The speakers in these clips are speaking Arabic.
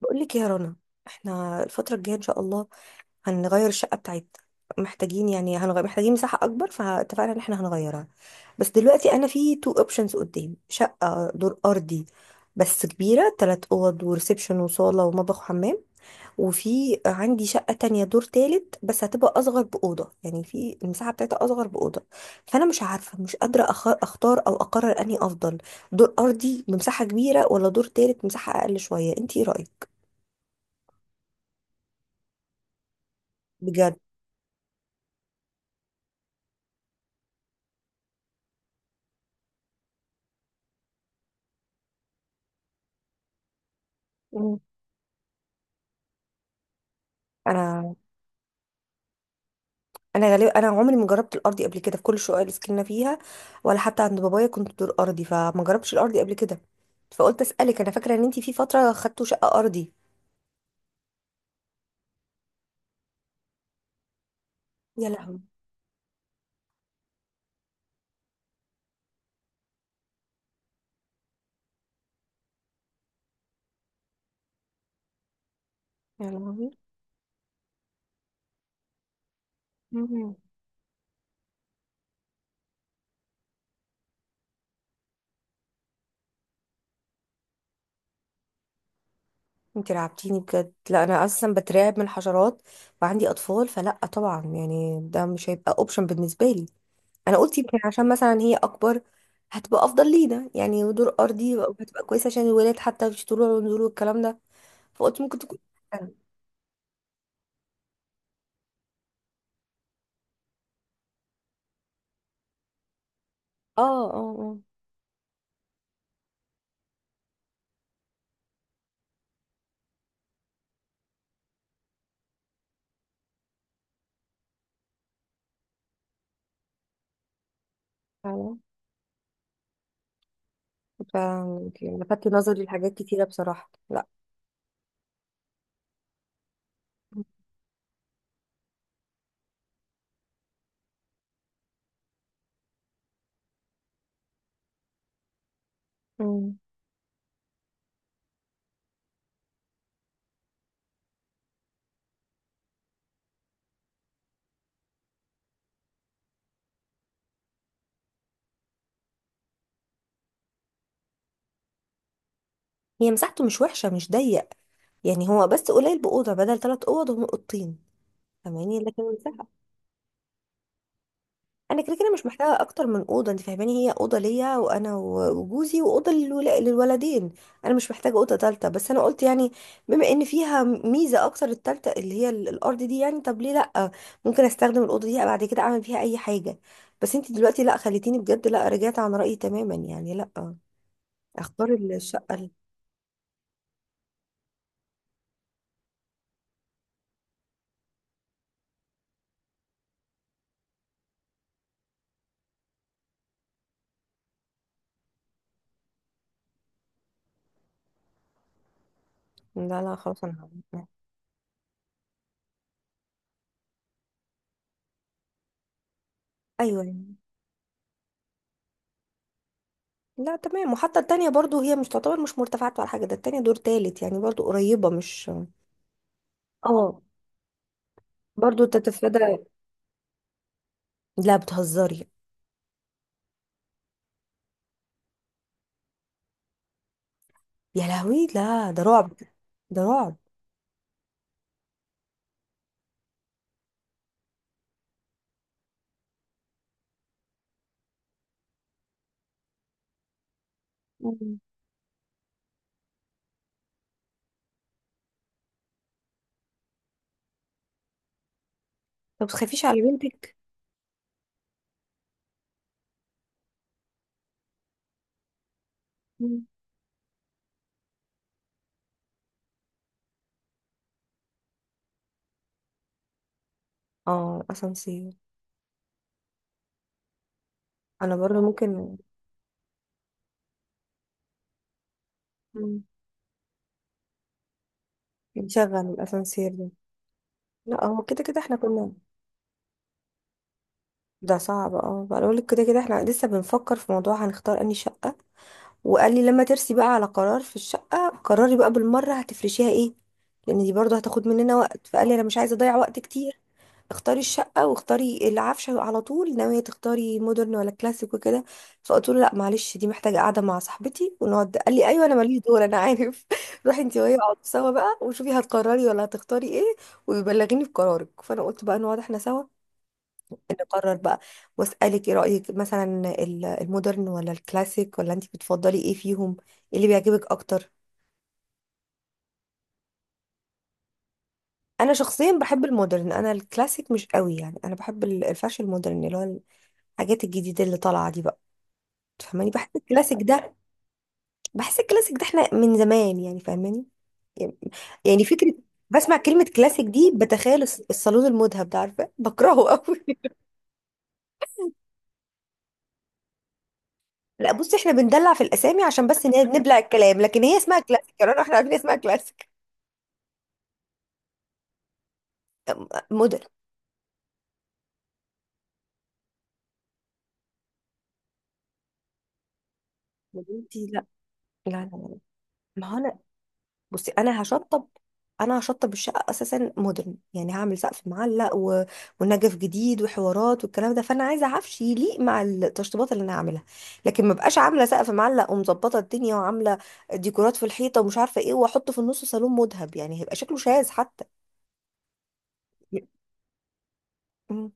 بقول لك يا رنا، احنا الفترة الجاية ان شاء الله هنغير الشقة بتاعتنا، محتاجين يعني هنغير، محتاجين مساحة اكبر، فاتفقنا ان احنا هنغيرها. بس دلوقتي انا في تو اوبشنز قدامي، شقة دور ارضي بس كبيرة، تلات اوض وريسبشن وصالة ومطبخ وحمام، وفي عندي شقة تانية دور تالت بس هتبقى اصغر بأوضة، يعني في المساحة بتاعتها اصغر بأوضة. فانا مش عارفة، مش قادرة اختار او اقرر اني افضل دور ارضي بمساحة كبيرة، ولا دور تالت مساحة اقل شوية. انت ايه رأيك؟ بجد؟ مم. انا انا غالبا، انا عمري ما جربت الارضي قبل كده، في كل الشقق اللي سكننا فيها ولا حتى عند بابايا كنت دور ارضي، فما جربتش الارضي قبل كده، فقلت اسالك. انا فاكره ان انت في فتره خدتوا شقه ارضي. يا لهوي. يا لهوي. مم. انت رعبتيني بجد. لا انا اصلا بترعب من الحشرات وعندي اطفال، فلا طبعا، يعني ده مش هيبقى اوبشن بالنسبه لي. انا قلت يمكن عشان مثلا هي اكبر هتبقى افضل لينا يعني، ودور ارضي هتبقى كويسه عشان الولاد، حتى مش طلوع ونزول والكلام ده، فقلت ممكن تكون. اه اه اه. فعلا. ف- يعني لفت نظري لحاجات كتيرة بصراحة. لا. مم. هي مساحته مش وحشة، مش ضيق، يعني هو بس قليل بأوضة، بدل ثلاث أوض هم أوضتين، فاهماني؟ لكن المساحة. انا كده كده مش محتاجه اكتر من اوضه، انت فاهماني، هي اوضه ليا، وانا وجوزي، واوضه للولدين. انا مش محتاجه اوضه تالته، بس انا قلت يعني بما ان فيها ميزه اكتر، التالته اللي هي الارض دي، يعني طب ليه لا، ممكن استخدم الاوضه دي بعد كده اعمل فيها اي حاجه. بس انت دلوقتي لا، خليتيني بجد، لا، رجعت عن رايي تماما، يعني لا اختار الشقه ال-. لا لا خلاص انا هعمل. ايوه يعني. لا تمام. وحتى التانية برضو هي مش تعتبر مش مرتفعات ولا حاجة، ده التانية دور تالت يعني، برضو قريبة مش. اه. برضو تتفادى. لا بتهزري؟ يا لهوي، لا ده رعب. ده رعب. مم. طب تخافيش على بنتك؟ مم. اه اسانسير. انا برضو ممكن. مم. نشغل الاسانسير ده. لا هو كده كده احنا كنا. ده صعب، اه. بقول لك كده كده احنا لسه بنفكر في موضوع هنختار اني شقة، وقال لي لما ترسي بقى على قرار في الشقة قرري بقى بالمرة هتفرشيها ايه، لان دي برضه هتاخد مننا وقت، فقال لي انا مش عايزة اضيع وقت كتير، اختاري الشقة واختاري العفشة على طول، ناوية تختاري مودرن ولا كلاسيك وكده، فقلت له لا معلش، دي محتاجة قعدة مع صاحبتي ونقعد، قال لي ايوه انا ماليش دور انا عارف روحي انت وهي اقعدوا سوا بقى وشوفي هتقرري ولا هتختاري ايه، وبلغيني بقرارك. فانا قلت بقى نقعد احنا سوا نقرر بقى، واسالك ايه رايك مثلا، المودرن ولا الكلاسيك، ولا انت بتفضلي ايه فيهم، ايه اللي بيعجبك اكتر؟ انا شخصيا بحب المودرن، انا الكلاسيك مش قوي يعني، انا بحب الفاشن المودرن، اللي هو الحاجات الجديده اللي طالعه دي بقى، تفهماني؟ بحس الكلاسيك ده، بحس الكلاسيك ده احنا من زمان يعني، فاهماني؟ يعني، يعني فكره، بسمع كلمه كلاسيك دي بتخيل الصالون المذهب ده، عارفه بكرهه قوي لا بصي، احنا بندلع في الاسامي عشان بس نبلع الكلام، لكن هي اسمها كلاسيك، يعني احنا عارفين اسمها كلاسيك. مدن. مدينتي، لا لا لا لا، ما هو انا، بصي انا هشطب، انا هشطب الشقه اساسا مودرن، يعني هعمل سقف معلق، و... ونجف جديد وحوارات والكلام ده، فانا عايزه عفش يليق مع التشطيبات اللي انا هعملها، لكن ما بقاش عامله سقف معلق ومظبطه الدنيا وعامله ديكورات في الحيطه ومش عارفه ايه، واحط في النص صالون مذهب، يعني هيبقى شكله شاذ حتى. م-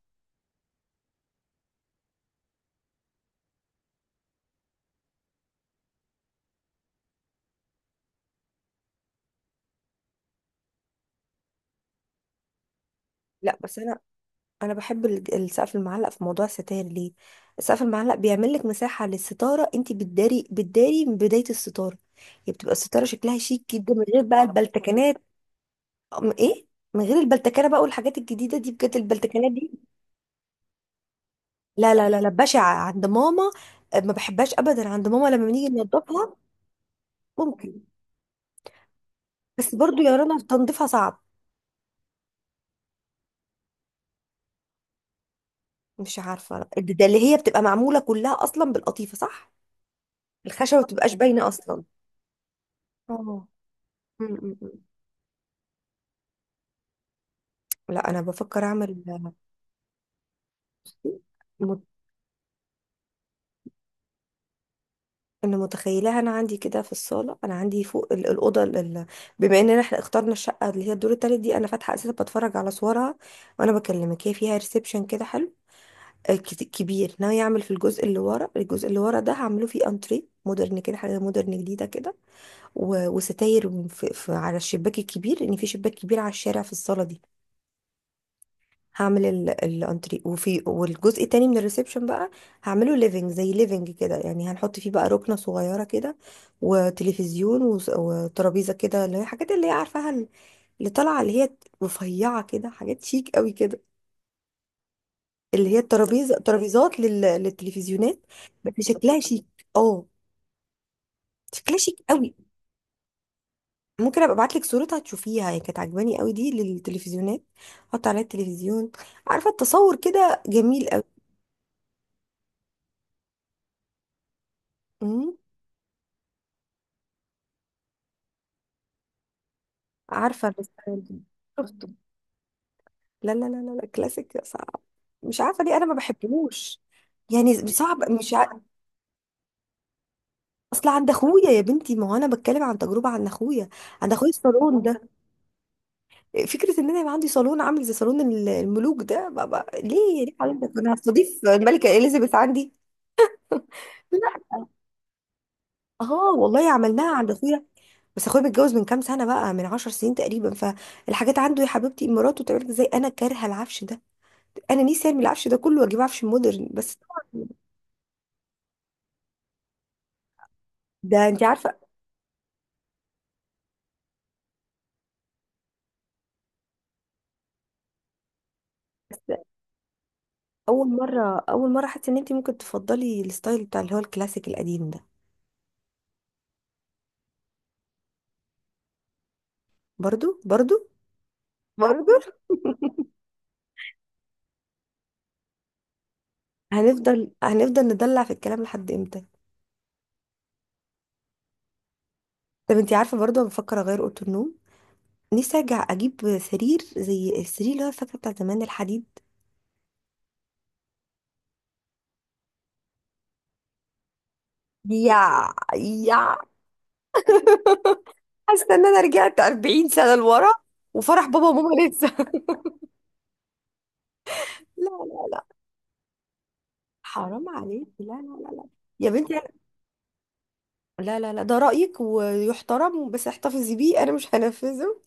لا بس انا، انا بحب السقف المعلق. في موضوع الستاير ليه، السقف المعلق بيعمل لك مساحه للستاره، انت بتداري من بدايه الستاره، هي بتبقى الستاره شكلها شيك جدا من غير بقى البلتكنات. ايه. من غير البلتكنه بقى، والحاجات الجديده دي بجد، البلتكنات دي. لا لا لا لا، بشعه عند ماما، أه، ما بحبهاش ابدا عند ماما لما بنيجي ننضفها. ممكن. بس برضو يا رنا تنظيفها صعب. مش عارفه، ده اللي هي بتبقى معموله كلها اصلا بالقطيفه، صح؟ الخشبه ما بتبقاش باينه اصلا، اه. لا انا بفكر اعمل. مت- انا متخيلها، انا عندي كده في الصاله، انا عندي فوق الاوضه بما اننا احنا اخترنا الشقه اللي هي الدور التالت دي، انا فاتحه اساسا بتفرج على صورها وانا بكلمك، هي فيها ريسبشن كده حلو، آه، كبير. ناوي اعمل في الجزء اللي ورا، الجزء اللي ورا ده هعمله فيه انتري مودرن كده، حاجه مودرن جديده كده، وستاير في على الشباك الكبير، لان في شباك كبير على الشارع في الصاله دي. هعمل الانتري، وفي والجزء التاني من الريسبشن بقى هعمله ليفنج زي ليفنج كده يعني، هنحط فيه بقى ركنة صغيرة كده وتلفزيون وترابيزة كده، اللي هي الحاجات اللي هي عارفاها، اللي طالعة اللي هي رفيعة كده، حاجات شيك قوي كده. اللي هي الترابيزة، ترابيزات للتلفزيونات، بس شكلها شيك، اه، شكلها شيك قوي. ممكن ابقى ابعت لك صورتها تشوفيها، هي كانت عجباني قوي دي للتلفزيونات، احط عليها التلفزيون، عارفة التصور كده جميل قوي، عارفة الستايل ده؟ شفته. لا لا لا لا لا، كلاسيك صعب، مش عارفة ليه أنا ما بحبهوش، يعني صعب مش ع... أصل عند أخويا يا بنتي، ما هو أنا بتكلم عن تجربة، عند أخويا، عند أخويا الصالون ده، فكرة إن أنا يبقى عندي صالون عامل زي صالون الملوك ده، بابا ليه، ليه حضرتك، أنا هستضيف الملكة إليزابيث عندي؟ لا. اه والله عملناها عند أخويا، بس أخويا متجوز من كام سنة بقى، من عشر سنين تقريبا، فالحاجات عنده يا حبيبتي مراته تعمل، زي أنا كارهة العفش ده، انا نفسي ارمي العفش ده كله واجيب عفش مودرن، بس طبعا ده انت عارفه. بس اول مره اول مره حاسه ان انت ممكن تفضلي الستايل بتاع اللي هو الكلاسيك القديم ده. برضو، برضو، برضو هنفضل ندلع في الكلام لحد امتى؟ طب انت عارفه، برضو انا بفكر اغير اوضه النوم، نفسي ارجع اجيب سرير زي السرير اللي هو فاكره بتاع زمان الحديد. يا يا حاسه ان انا رجعت 40 سنه لورا وفرح بابا وماما لسه لا لا لا، حرام عليك، لا لا لا لا، يا بنتي، لا لا لا، ده رأيك ويحترم بس احتفظي بيه، انا مش هنفذه،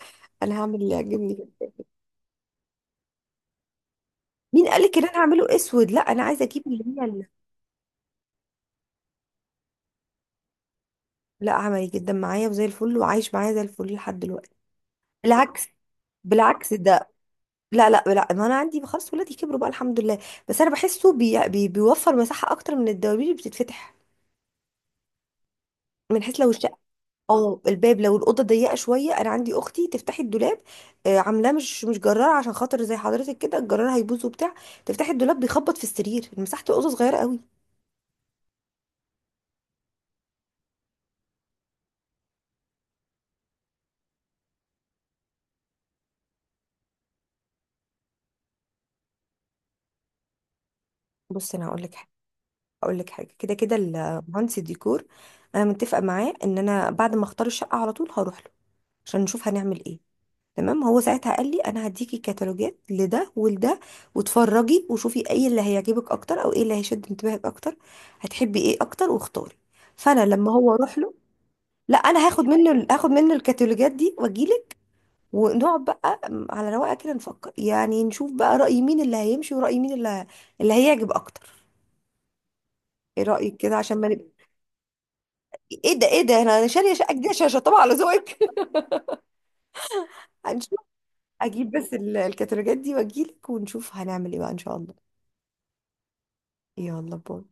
انا هعمل اللي يعجبني كده. مين قالك ان انا هعمله اسود؟ لا انا عايزه اجيب اللي هي ال-. لا عملي جدا معايا وزي الفل، وعايش معايا زي الفل لحد دلوقتي، بالعكس، بالعكس ده. لا لا لا، ما انا عندي خلاص ولادي كبروا بقى الحمد لله، بس انا بحسه بي بي بيوفر مساحه اكتر من الدواليب اللي بتتفتح. من حيث لو الشقه، اه الباب، لو الاوضه ضيقه شويه، انا عندي اختي تفتحي الدولاب، آه، عاملاه مش جرار عشان خاطر زي حضرتك كده، الجرار هيبوظ وبتاع، تفتحي الدولاب بيخبط في السرير، مساحه الاوضه صغيره قوي. بص انا هقول لك حاجه، كده كده المهندس الديكور، انا متفقه معاه ان انا بعد ما اختار الشقه على طول هروح له عشان نشوف هنعمل ايه. تمام، هو ساعتها قال لي انا هديكي كتالوجات لده ولده، واتفرجي وشوفي ايه اللي هيعجبك اكتر، او ايه اللي هيشد انتباهك اكتر، هتحبي ايه اكتر واختاري. فانا لما هو اروح له، لا انا هاخد منه هاخد منه الكتالوجات دي واجيلك، ونقعد بقى على رواقه كده نفكر يعني، نشوف بقى رأي مين اللي هيمشي ورأي مين اللي اللي هيعجب اكتر. ايه رأيك كده عشان ما نبقى، ايه ده ايه ده، انا شاريه شقه جديده عشان طبعا على ذوقك هنشوف. اجيب بس الكتالوجات دي واجيلك ونشوف هنعمل ايه بقى ان شاء الله. يلا باي.